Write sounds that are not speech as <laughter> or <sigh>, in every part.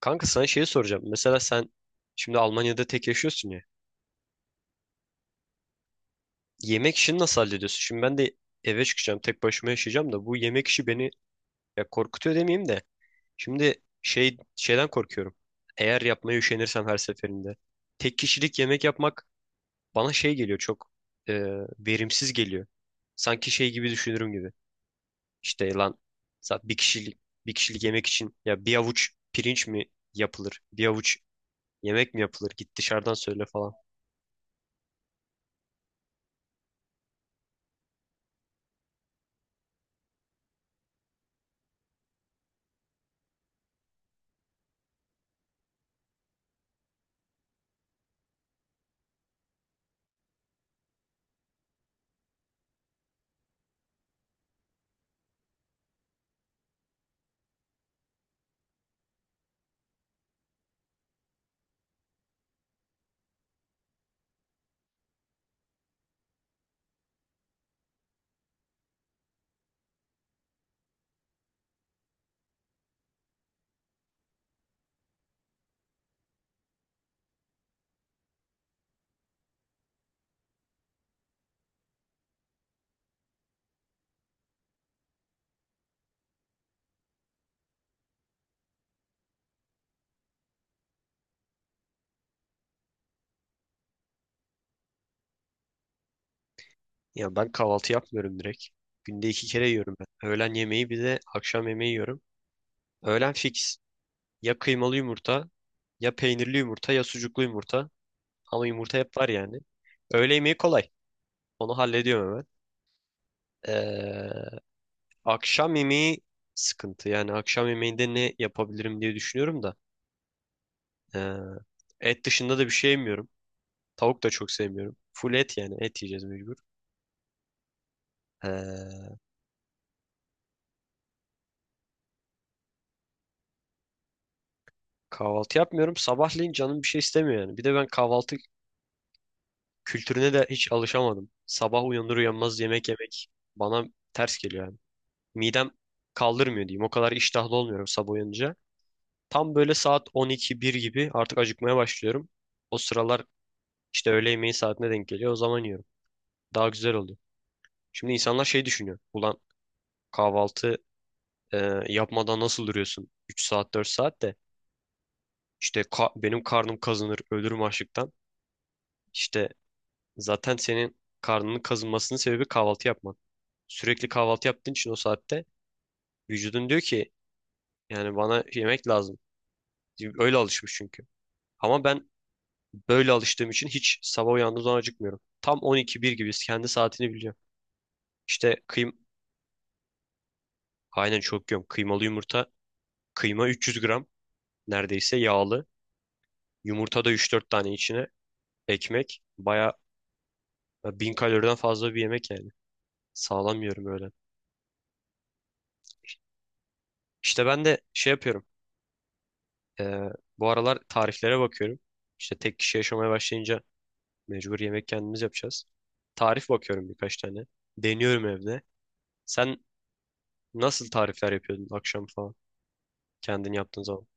Kanka sana şeyi soracağım. Mesela sen şimdi Almanya'da tek yaşıyorsun ya. Yemek işini nasıl hallediyorsun? Şimdi ben de eve çıkacağım, tek başıma yaşayacağım da bu yemek işi beni ya korkutuyor demeyeyim de. Şimdi şeyden korkuyorum. Eğer yapmaya üşenirsem her seferinde. Tek kişilik yemek yapmak bana şey geliyor çok e, verimsiz geliyor. Sanki şey gibi düşünürüm gibi. İşte lan zaten bir kişilik yemek için ya bir avuç pirinç mi yapılır? Bir avuç yemek mi yapılır? Git dışarıdan söyle falan. Ya ben kahvaltı yapmıyorum direkt. Günde iki kere yiyorum ben. Öğlen yemeği bir de akşam yemeği yiyorum. Öğlen fix. Ya kıymalı yumurta, ya peynirli yumurta, ya sucuklu yumurta. Ama yumurta hep var yani. Öğle yemeği kolay. Onu hallediyorum hemen. Ee, Akşam yemeği sıkıntı. Yani akşam yemeğinde ne yapabilirim diye düşünüyorum da. Ee, Et dışında da bir şey yemiyorum. Tavuk da çok sevmiyorum. Full et yani. Et yiyeceğiz mecbur. Ee, Kahvaltı yapmıyorum. Sabahleyin canım bir şey istemiyor yani. Bir de ben kahvaltı kültürüne de hiç alışamadım. Sabah uyanır uyanmaz yemek yemek bana ters geliyor yani. Midem kaldırmıyor diyeyim. O kadar iştahlı olmuyorum sabah uyanınca. Tam böyle saat 12-1 gibi artık acıkmaya başlıyorum. O sıralar işte öğle yemeği saatine denk geliyor. O zaman yiyorum. Daha güzel oluyor. Şimdi insanlar şey düşünüyor. Ulan kahvaltı e, yapmadan nasıl duruyorsun? 3 saat 4 saat de işte benim karnım kazınır ölürüm açlıktan. İşte zaten senin karnının kazınmasının sebebi kahvaltı yapman. Sürekli kahvaltı yaptığın için o saatte vücudun diyor ki yani bana yemek lazım. Öyle alışmış çünkü. Ama ben böyle alıştığım için hiç sabah uyandığım zaman acıkmıyorum. Tam 12-1 gibi kendi saatini biliyorum. İşte aynen çok yiyorum. Kıymalı yumurta. Kıyma 300 gram neredeyse yağlı. Yumurta da 3-4 tane içine. Ekmek. Baya 1000 kaloriden fazla bir yemek yani. Sağlam yiyorum öyle. İşte ben de şey yapıyorum. Ee, Bu aralar tariflere bakıyorum. İşte tek kişi yaşamaya başlayınca mecbur yemek kendimiz yapacağız. Tarif bakıyorum birkaç tane. Deniyorum evde. Sen nasıl tarifler yapıyordun akşam falan? Kendin yaptığın zaman.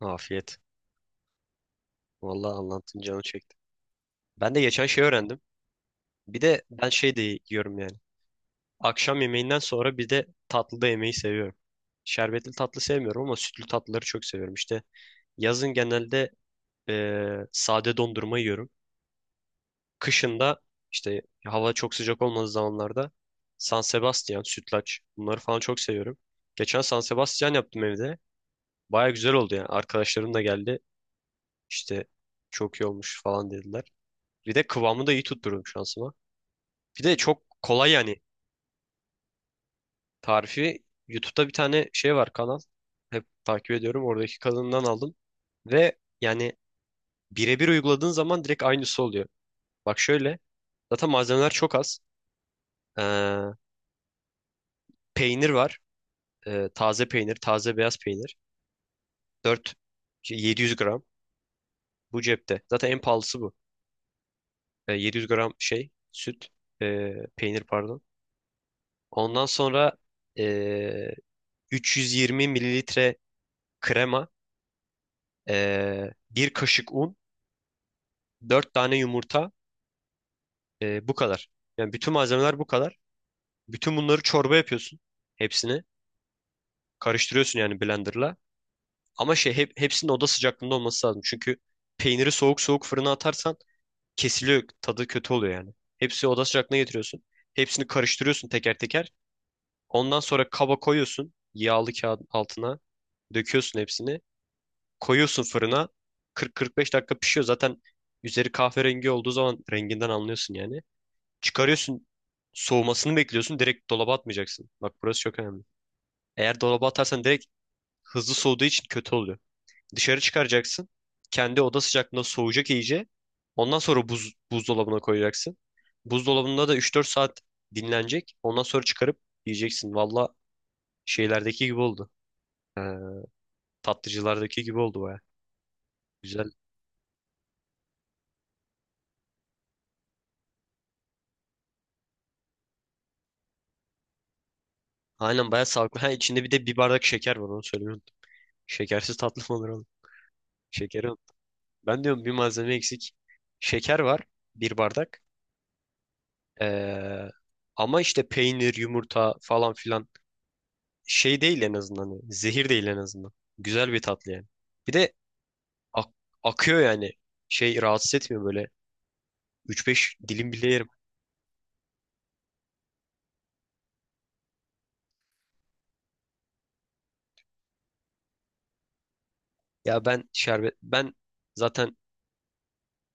Afiyet. Vallahi anlattın canım çekti. Ben de geçen şey öğrendim. Bir de ben şey de yiyorum yani. Akşam yemeğinden sonra bir de tatlı da yemeyi seviyorum. Şerbetli tatlı sevmiyorum ama sütlü tatlıları çok seviyorum. İşte yazın genelde sade dondurma yiyorum. Kışında işte hava çok sıcak olmadığı zamanlarda San Sebastian, sütlaç bunları falan çok seviyorum. Geçen San Sebastian yaptım evde. Baya güzel oldu yani. Arkadaşlarım da geldi. İşte çok iyi olmuş falan dediler. Bir de kıvamı da iyi tutturdum şansıma. Bir de çok kolay yani tarifi. YouTube'da bir tane şey var kanal. Hep takip ediyorum. Oradaki kanalından aldım. Ve yani birebir uyguladığın zaman direkt aynısı oluyor. Bak şöyle. Zaten malzemeler çok az. Ee, Peynir var. Taze peynir, taze beyaz peynir. 4 700 gram bu cepte. Zaten en pahalısı bu. E, 700 gram şey süt, peynir pardon. Ondan sonra e, 320 mililitre krema, bir kaşık un, 4 tane yumurta, bu kadar. Yani bütün malzemeler bu kadar. Bütün bunları çorba yapıyorsun. Hepsini karıştırıyorsun yani blenderla. Ama şey hepsinin oda sıcaklığında olması lazım. Çünkü peyniri soğuk soğuk fırına atarsan kesiliyor. Tadı kötü oluyor yani. Hepsi oda sıcaklığına getiriyorsun. Hepsini karıştırıyorsun teker teker. Ondan sonra kaba koyuyorsun. Yağlı kağıdın altına. Döküyorsun hepsini. Koyuyorsun fırına. 40-45 dakika pişiyor. Zaten üzeri kahverengi olduğu zaman renginden anlıyorsun yani. Çıkarıyorsun. Soğumasını bekliyorsun. Direkt dolaba atmayacaksın. Bak burası çok önemli. Eğer dolaba atarsan direkt hızlı soğuduğu için kötü oluyor. Dışarı çıkaracaksın. Kendi oda sıcaklığında soğuyacak iyice. Ondan sonra buzdolabına koyacaksın. Buzdolabında da 3-4 saat dinlenecek. Ondan sonra çıkarıp yiyeceksin. Valla şeylerdeki gibi oldu. Ee, Tatlıcılardaki gibi oldu baya. Güzel. Aynen baya sağlıklı. Ha içinde bir de bir bardak şeker var onu söylemeyi unuttum. Şekersiz tatlı mı olur oğlum? Şekeri. Ben diyorum bir malzeme eksik. Şeker var bir bardak. Ee, Ama işte peynir, yumurta falan filan şey değil en azından. Yani, zehir değil en azından. Güzel bir tatlı yani. Bir de ak- akıyor yani. Şey rahatsız etmiyor böyle. Üç beş dilim bile yerim. Ya ben şerbet ben zaten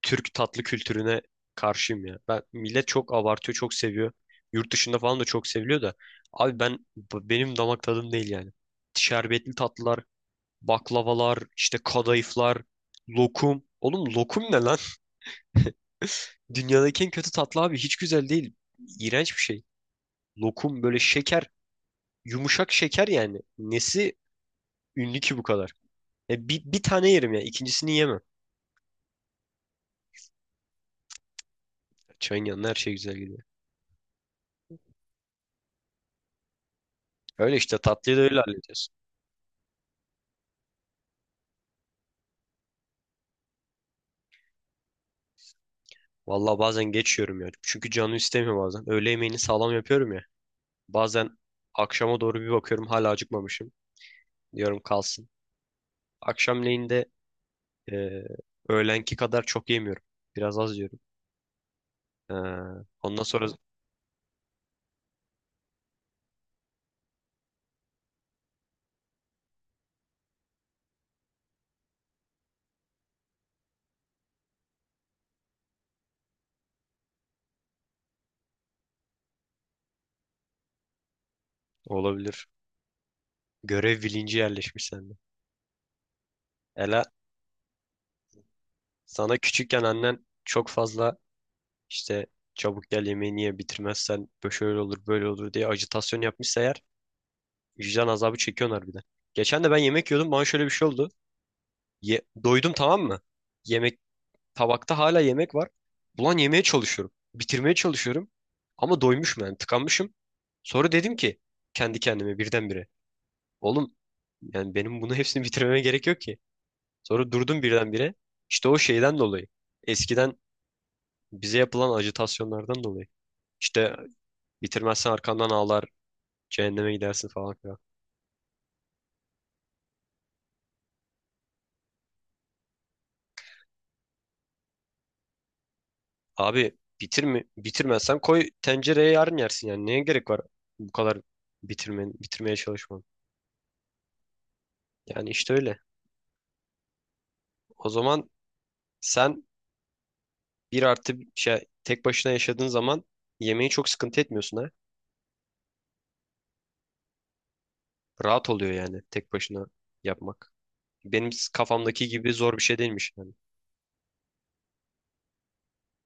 Türk tatlı kültürüne karşıyım ya. Ben millet çok abartıyor, çok seviyor. Yurt dışında falan da çok seviliyor da abi ben benim damak tadım değil yani. Şerbetli tatlılar, baklavalar, işte kadayıflar, lokum. Oğlum lokum ne lan? <laughs> Dünyadaki en kötü tatlı abi hiç güzel değil. İğrenç bir şey. Lokum böyle şeker. Yumuşak şeker yani. Nesi ünlü ki bu kadar? E, bir tane yerim ya. İkincisini yemem. Çayın yanına her şey güzel gidiyor. Öyle işte tatlıyı da öyle hallediyoruz. Valla bazen geçiyorum ya. Çünkü canı istemiyor bazen. Öğle yemeğini sağlam yapıyorum ya. Bazen akşama doğru bir bakıyorum hala acıkmamışım. Diyorum kalsın. Akşamleyin de e, öğlenki kadar çok yemiyorum. Biraz az yiyorum. E, Ondan sonra olabilir. Görev bilinci yerleşmiş sende. Ela sana küçükken annen çok fazla İşte çabuk gel yemeğini ye bitirmezsen böyle şöyle olur böyle olur diye ajitasyon yapmışsa eğer vicdan azabı çekiyorlar harbiden. Geçen de ben yemek yiyordum bana şöyle bir şey oldu. Doydum tamam mı? Yemek tabakta hala yemek var. Ulan yemeye çalışıyorum. Bitirmeye çalışıyorum. Ama doymuşum yani tıkanmışım. Sonra dedim ki kendi kendime birdenbire. Oğlum yani benim bunu hepsini bitirmeme gerek yok ki. Sonra durdum birdenbire. İşte o şeyden dolayı. Eskiden bize yapılan ajitasyonlardan dolayı. İşte bitirmezsen arkandan ağlar, cehenneme gidersin falan filan. Abi bitirme, bitirmezsen koy tencereye yarın yersin yani. Neye gerek var bu kadar bitirmen, bitirmeye çalışman? Yani işte öyle. O zaman sen bir artı şey, tek başına yaşadığın zaman yemeği çok sıkıntı etmiyorsun ha. Rahat oluyor yani tek başına yapmak. Benim kafamdaki gibi zor bir şey değilmiş yani.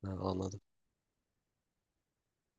Ha, anladım.